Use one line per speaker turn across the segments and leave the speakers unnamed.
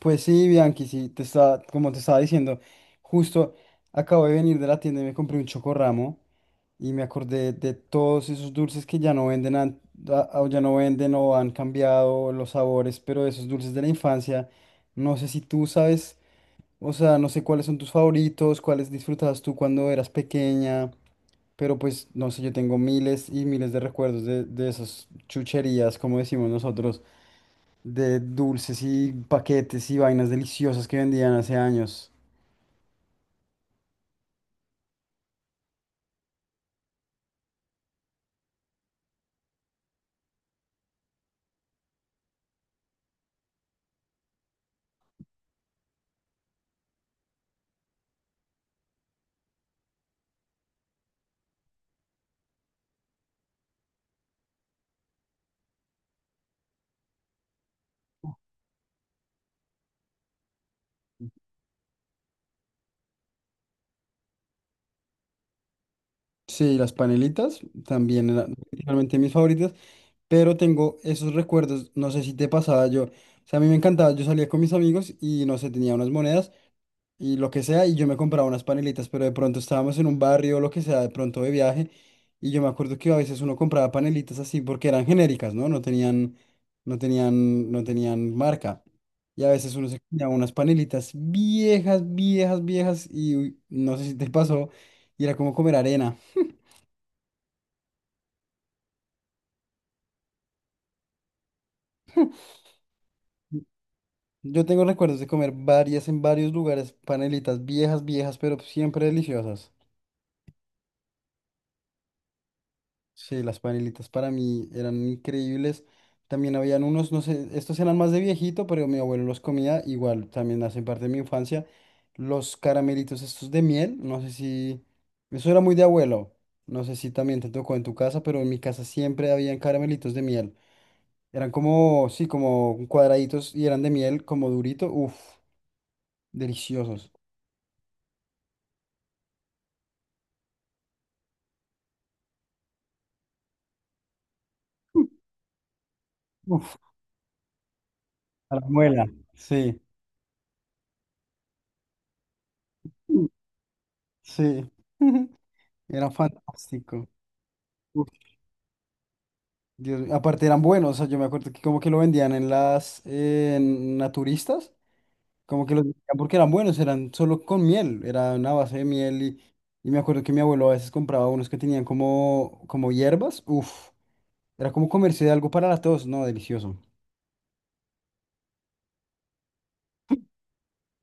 Pues sí, Bianchi, sí, te estaba, como te estaba diciendo, justo acabo de venir de la tienda y me compré un chocorramo y me acordé de todos esos dulces que ya no venden, o ya no venden o han cambiado los sabores, pero esos dulces de la infancia, no sé si tú sabes, o sea, no sé cuáles son tus favoritos, cuáles disfrutabas tú cuando eras pequeña, pero pues no sé, yo tengo miles y miles de recuerdos de esas chucherías, como decimos nosotros, de dulces y paquetes y vainas deliciosas que vendían hace años. Sí, las panelitas también eran realmente mis favoritas, pero tengo esos recuerdos, no sé si te pasaba, yo, o sea, a mí me encantaba, yo salía con mis amigos y no sé, tenía unas monedas, y lo que sea, y yo me compraba unas panelitas, pero de pronto estábamos en un barrio o lo que sea, de pronto de viaje, y yo me acuerdo que a veces uno compraba panelitas así porque eran genéricas, ¿no? No tenían marca. Y a veces uno se compraba unas panelitas viejas, viejas, viejas, y uy, no sé si te pasó, y era como comer arena. Yo tengo recuerdos de comer varias en varios lugares, panelitas viejas, viejas, pero siempre deliciosas. Sí, las panelitas para mí eran increíbles. También habían unos, no sé, estos eran más de viejito, pero mi abuelo los comía igual, también hacen parte de mi infancia. Los caramelitos estos de miel, no sé si, eso era muy de abuelo, no sé si también te tocó en tu casa, pero en mi casa siempre habían caramelitos de miel. Eran como, sí, como cuadraditos y eran de miel, como durito, uff, deliciosos. Uf, a la muela, sí, sí, era fantástico. Dios mío, aparte eran buenos, o sea, yo me acuerdo que como que lo vendían en las en naturistas, como que los vendían porque eran buenos, eran solo con miel, era una base de miel, y me acuerdo que mi abuelo a veces compraba unos que tenían como, como hierbas, uff, era como comercio de algo para la tos, no, delicioso,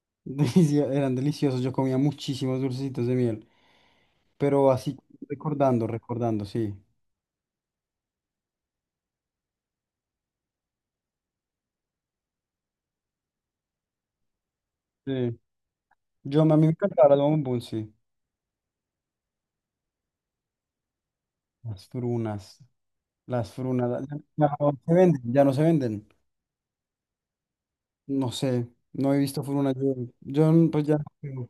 Eran deliciosos, yo comía muchísimos dulcecitos de miel, pero así recordando, recordando, sí. Sí. Yo a mí me encantaba las bombón, sí. Las frunas, las frunas, ya no se venden, ya no se venden. No sé, no he visto Furuna. Yo, pues ya no juego.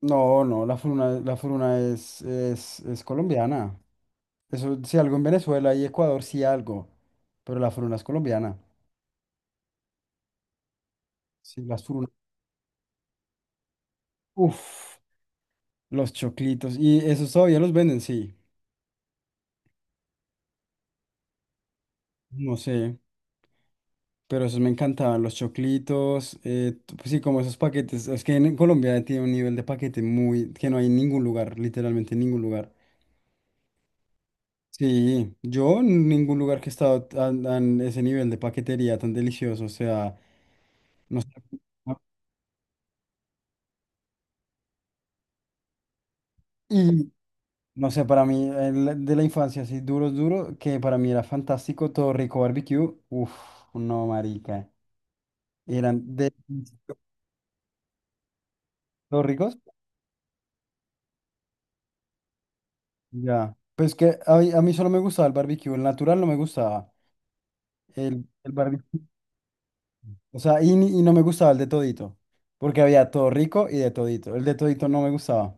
No, no, la Furuna es colombiana. Eso, si algo en Venezuela y Ecuador, sí algo. Pero la Furuna es colombiana. Sí, las Furunas. Uf, los choclitos. Y esos todavía los venden, sí. No sé, pero esos me encantaban. Los choclitos, pues sí, como esos paquetes. Es que en Colombia tiene un nivel de paquete muy, que no hay en ningún lugar, literalmente en ningún lugar. Sí, yo en ningún lugar que he estado tan, tan ese nivel de paquetería tan delicioso, o sea, no sé, no- y no sé, para mí el de la infancia así duro, duro, que para mí era fantástico, todo rico barbecue, uff, no marica, eran de todos ricos, ya, pues que mí, a mí solo me gustaba el barbecue, el natural no me gustaba, el barbecue, o sea, y no me gustaba el de todito, porque había todo rico y de todito, el de todito no me gustaba,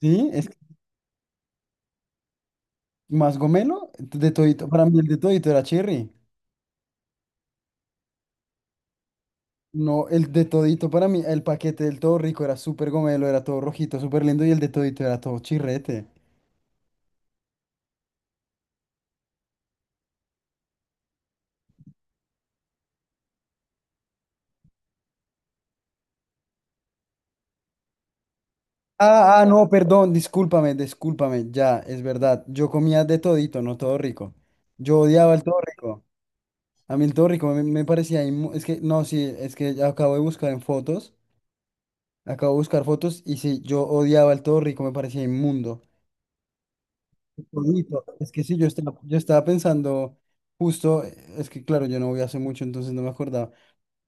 ¿sí? ¿Más gomelo? De todito, para mí el de todito era cherry. No, el de todito para mí, el paquete del todo rico era súper gomelo, era todo rojito, súper lindo y el de todito era todo chirrete. Ah, ah, no, perdón, discúlpame, discúlpame, ya, es verdad. Yo comía de todito, no todo rico. Yo odiaba el todo rico. A mí el todo rico me, me parecía, es que, no, sí, es que ya acabo de buscar en fotos, acabo de buscar fotos y sí, yo odiaba el todo rico, me parecía inmundo. Bonito. Es que sí, yo estaba pensando justo, es que claro, yo no voy hace mucho, entonces no me acordaba.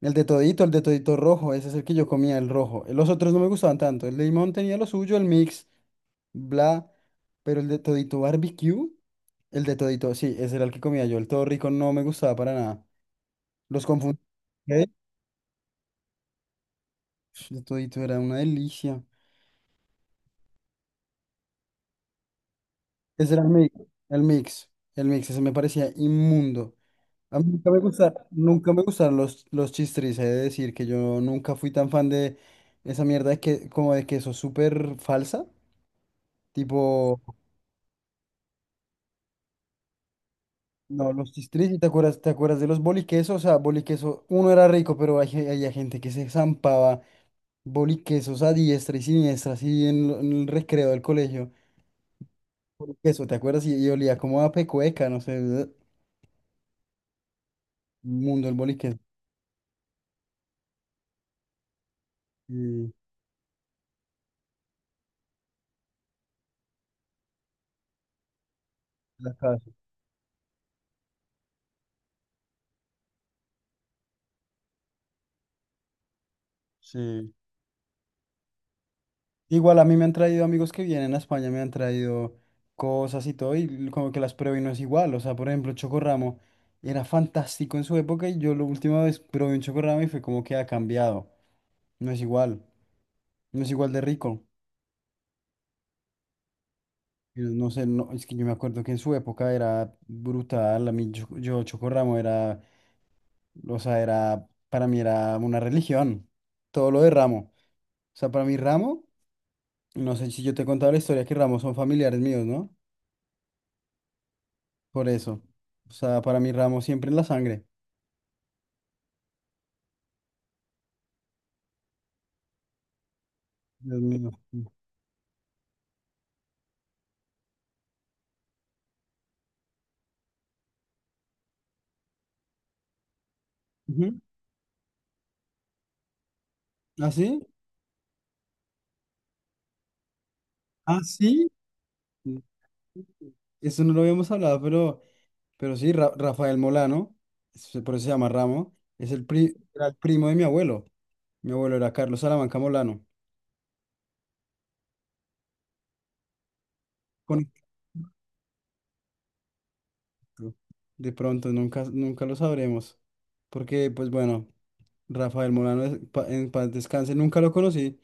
El de todito rojo, ese es el que yo comía, el rojo. Los otros no me gustaban tanto. El de limón tenía lo suyo, el mix, bla, pero el de todito barbecue, el de todito, sí, ese era el que comía yo. El todo rico no me gustaba para nada. Los confundí. ¿Ok? El de todito era una delicia. Ese era el mix, el mix, ese me parecía inmundo. A mí nunca me gusta, nunca me gustaron los chistris, he de decir que yo nunca fui tan fan de esa mierda de que, como de queso súper falsa. Tipo, no, los chistris, ¿y te acuerdas de los boliquesos? O sea, boliqueso, uno era rico, pero hay gente que se zampaba boliquesos a diestra y siniestra, así en, en el recreo del colegio. Boliqueso, ¿te acuerdas? Y olía como a pecueca, no sé, mundo el boliqueso. Y la casa, sí. Igual a mí me han traído amigos que vienen a España, me han traído cosas y todo, y como que las pruebo y no es igual. O sea, por ejemplo, chocorramo era fantástico en su época y yo la última vez probé un chocorramo y fue como que ha cambiado. No es igual, no es igual de rico. Y no sé, no, es que yo me acuerdo que en su época era brutal. A mí, yo chocorramo era, o sea, era, para mí era una religión. Todo lo de ramo. O sea, para mí ramo, no sé si yo te he contado la historia que ramos son familiares míos, ¿no? Por eso. O sea, para mí Ramos siempre en la sangre. Dios mío. Ujú. ¿Ah, sí? ¿Ah, sí? Eso no lo habíamos hablado, pero sí, Rafael Molano, por eso se llama Ramo, es el, era el primo de mi abuelo. Mi abuelo era Carlos Salamanca Molano. Conecto. De pronto, nunca, nunca lo sabremos. Porque, pues bueno, Rafael Molano, en paz descanse, nunca lo conocí,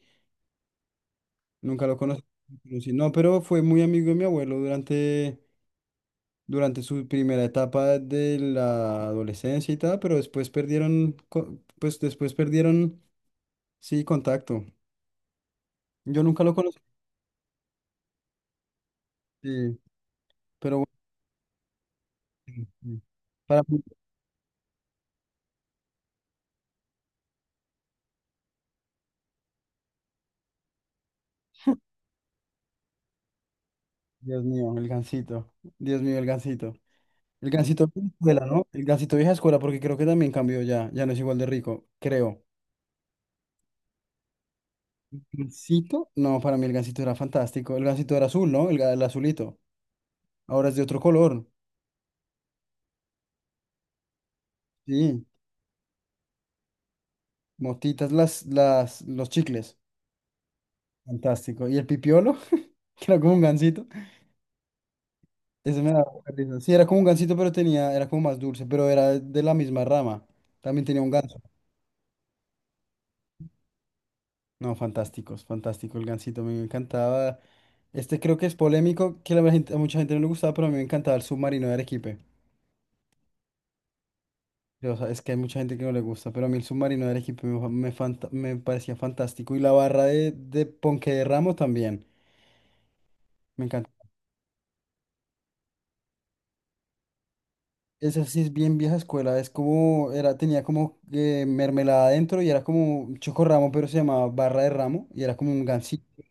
nunca lo conocí. Conocí. No, pero fue muy amigo de mi abuelo durante durante su primera etapa de la adolescencia y tal, pero después perdieron, pues después perdieron, sí, contacto. Yo nunca lo conocí, sí, pero bueno, sí. Para mí, Dios mío, el Gansito, Dios mío, el Gansito. El Gansito vieja escuela, ¿no? El Gansito vieja escuela, porque creo que también cambió ya, ya no es igual de rico, creo. ¿Gansito? No, para mí el Gansito era fantástico. El Gansito era azul, ¿no? El, el azulito. Ahora es de otro color. Sí, motitas los chicles. Fantástico. ¿Y el pipiolo? Que era como un gansito. Ese me daba mucha risa. Sí, era como un gansito, pero tenía, era como más dulce, pero era de la misma rama. También tenía un ganso. No, fantásticos, fantástico el gansito, a mí me encantaba. Este creo que es polémico, que a mucha gente no le gustaba, pero a mí me encantaba el submarino de Arequipe. O sea, es que hay mucha gente que no le gusta, pero a mí el submarino de Arequipe me, me parecía fantástico. Y la barra de Ponque de Ramo también. Me encantaba. Esa sí es bien vieja escuela, es como, era, tenía como mermelada adentro y era como un chocorramo, pero se llamaba barra de ramo y era como un gansito.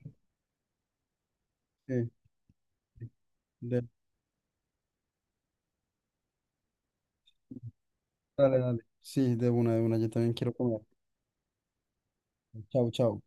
eh, de- Dale, dale. Sí, de una, yo también quiero comer. Chao, chao.